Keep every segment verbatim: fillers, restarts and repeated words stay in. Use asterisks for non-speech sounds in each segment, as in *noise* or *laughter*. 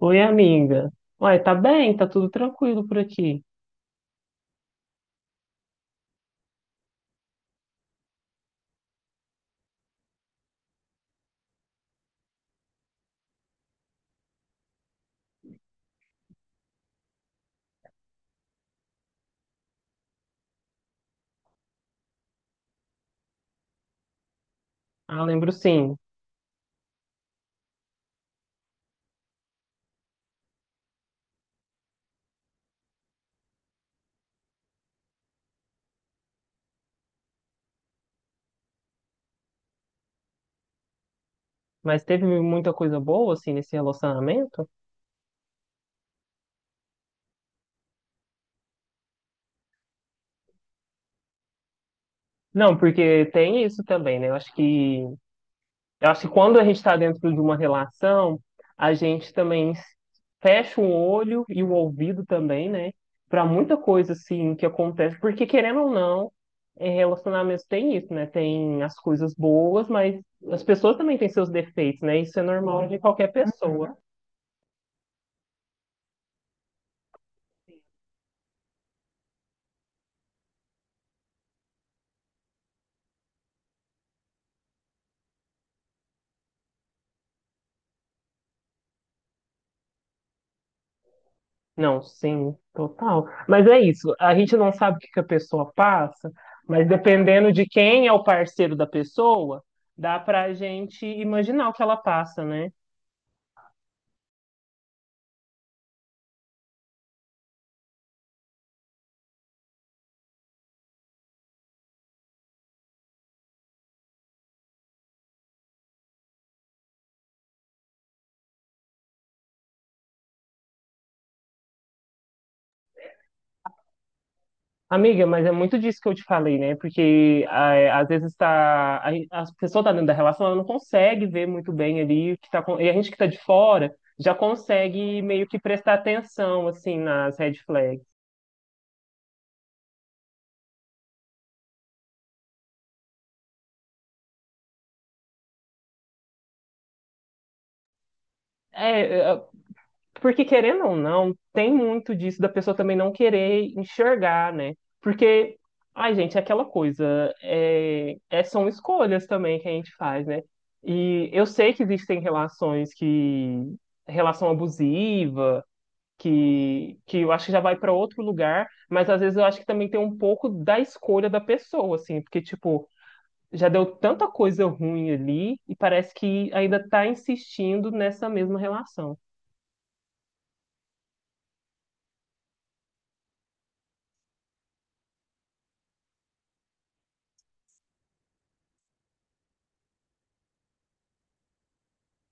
Oi, amiga. Uai, tá bem, tá tudo tranquilo por aqui. Ah, lembro sim. Mas teve muita coisa boa, assim, nesse relacionamento? Não, porque tem isso também, né? Eu acho que, eu acho que quando a gente tá dentro de uma relação, a gente também fecha o olho e o ouvido também, né? Pra muita coisa, assim, que acontece. Porque, querendo ou não, em relacionamentos tem isso, né? Tem as coisas boas, mas as pessoas também têm seus defeitos, né? Isso é normal de qualquer pessoa. Não, sim, total. Mas é isso, a gente não sabe o que que a pessoa passa, mas dependendo de quem é o parceiro da pessoa, dá pra gente imaginar o que ela passa, né? Amiga, mas é muito disso que eu te falei, né? Porque é, às vezes tá, a, a pessoa tá dentro da relação, ela não consegue ver muito bem ali o que tá, acon- e a gente que tá de fora já consegue meio que prestar atenção, assim, nas red flags. É, porque querendo ou não, tem muito disso da pessoa também não querer enxergar, né? Porque, ai, gente, é aquela coisa, é, é- são escolhas também que a gente faz, né? E eu sei que existem relações que, relação abusiva, que, que eu acho que já vai para outro lugar, mas às vezes eu acho que também tem um pouco da escolha da pessoa, assim, porque, tipo, já deu tanta coisa ruim ali e parece que ainda tá insistindo nessa mesma relação.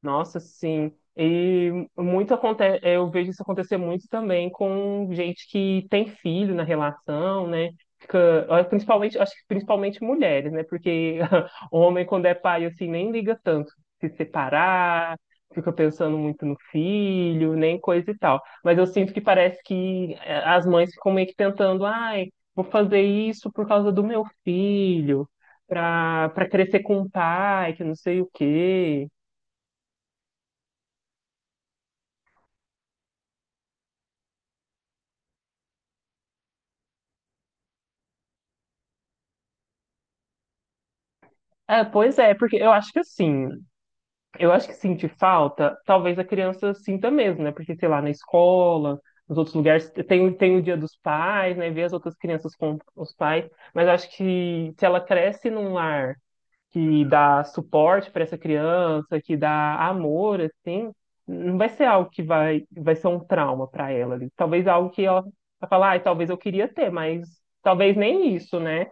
Nossa, sim. E muito acontece, eu vejo isso acontecer muito também com gente que tem filho na relação, né? Fica, ah, principalmente, acho que principalmente mulheres, né? Porque *laughs* o homem, quando é pai, assim, nem liga tanto se separar, fica pensando muito no filho, nem coisa e tal. Mas eu sinto que parece que eh, as mães ficam meio que tentando, ai, vou fazer isso por causa do meu filho, pra, pra crescer com o pai, que não sei o quê. É, pois é, porque eu acho que assim, eu acho que sentir falta, talvez a criança sinta mesmo, né? Porque, sei lá, na escola, nos outros lugares, tem, o- tem o dia dos pais, né? Ver as outras crianças com os pais, mas eu acho que se ela cresce num lar que dá suporte para essa criança, que dá amor, assim, não vai ser algo que vai, vai ser um trauma para ela ali. Talvez algo que ela vai falar, ah, talvez eu queria ter, mas talvez nem isso, né?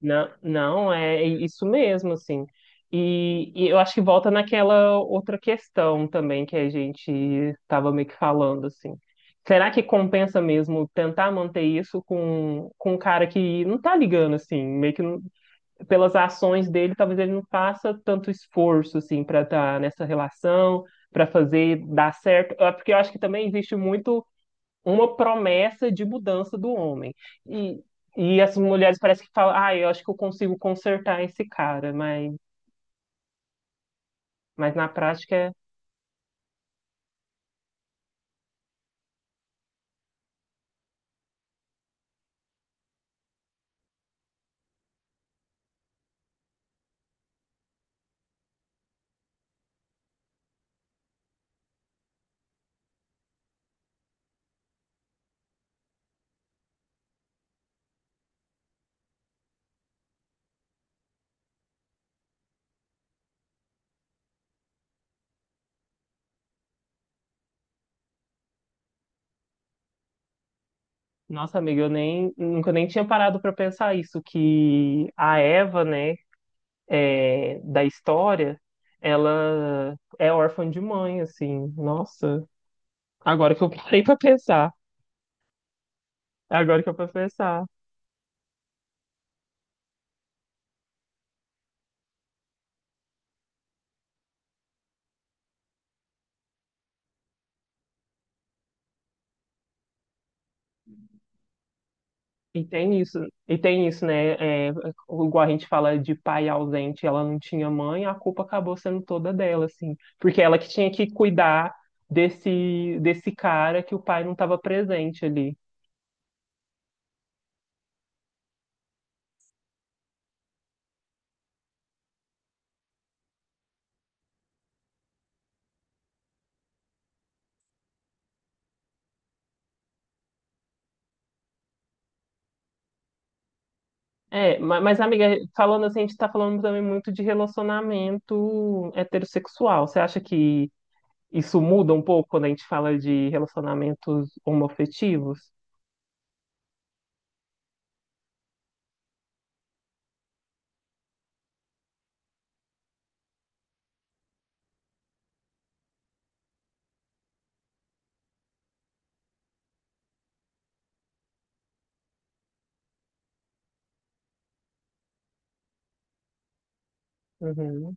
Não, não, é isso mesmo, assim. E, e eu acho que volta naquela outra questão também que a gente estava meio que falando, assim. Será que compensa mesmo tentar manter isso com, com um cara que não tá ligando, assim, meio que não- pelas ações dele, talvez ele não faça tanto esforço, assim, para estar nessa relação, para fazer dar certo. É, porque eu acho que também existe muito uma promessa de mudança do homem. E, e as mulheres parece que falam, ah, eu acho que eu consigo consertar esse cara, mas, mas na prática, é- Nossa, amiga, eu nem, nunca nem tinha parado para pensar isso, que a Eva, né, é, da história, ela é órfã de mãe, assim, nossa, agora que eu parei para pensar, agora que eu parei pra pensar. E tem isso, e tem isso, né? É, igual a gente fala de pai ausente, ela não tinha mãe, a culpa acabou sendo toda dela, assim, porque ela que tinha que cuidar desse desse cara que o pai não estava presente ali. É, ma- mas, amiga, falando assim, a gente está falando também muito de relacionamento heterossexual. Você acha que isso muda um pouco quando a gente fala de relacionamentos homoafetivos? Uhum.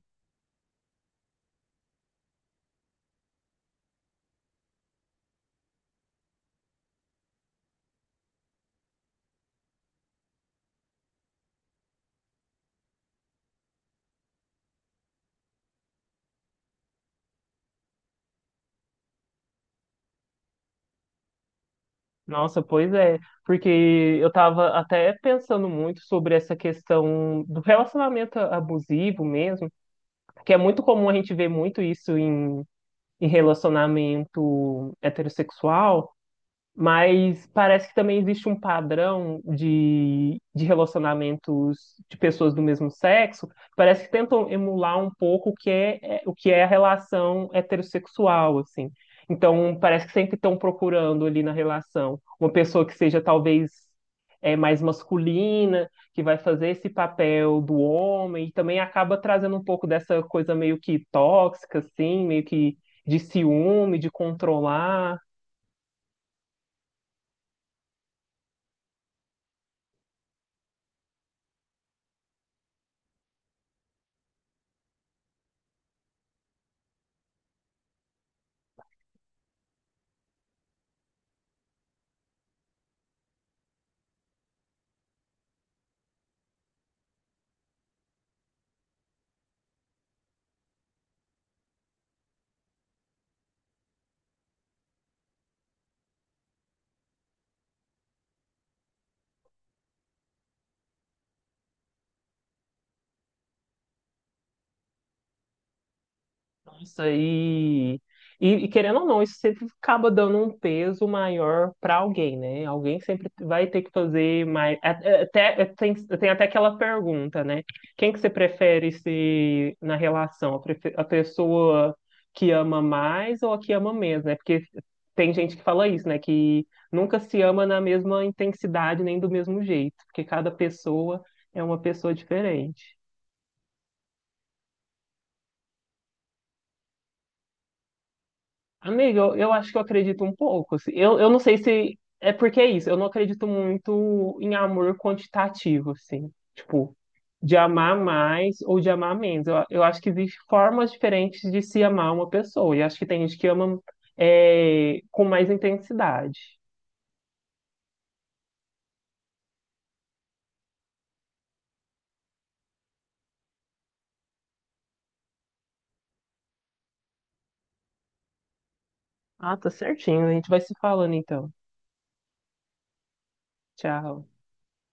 Nossa, pois é, porque eu tava até pensando muito sobre essa questão do relacionamento abusivo mesmo, que é muito comum a gente ver muito isso em, em relacionamento heterossexual. Mas parece que também existe um padrão de, de relacionamentos de pessoas do mesmo sexo. Parece que tentam emular um pouco o que é, é- o que é a relação heterossexual, assim. Então, parece que sempre estão procurando ali na relação uma pessoa que seja talvez é, mais masculina, que vai fazer esse papel do homem, e também acaba trazendo um pouco dessa coisa meio que tóxica, assim, meio que de ciúme, de controlar. Nossa, e, e, e querendo ou não, isso sempre acaba dando um peso maior para alguém, né? Alguém sempre vai ter que fazer mais. a- a- Até, é, tem, tem até aquela pergunta, né? Quem que você prefere ser na relação? A, prefe- a pessoa que ama mais ou a que ama menos, né? Porque tem gente que fala isso, né? Que nunca se ama na mesma intensidade nem do mesmo jeito, porque cada pessoa é uma pessoa diferente. Amigo, eu, eu acho que eu acredito um pouco, assim. Eu, eu não sei se é porque é isso. Eu não acredito muito em amor quantitativo, assim. Tipo, de amar mais ou de amar menos. Eu, eu acho que existem formas diferentes de se amar uma pessoa. E acho que tem gente que ama é, com mais intensidade. Ah, tá certinho. A gente vai se falando então. Tchau.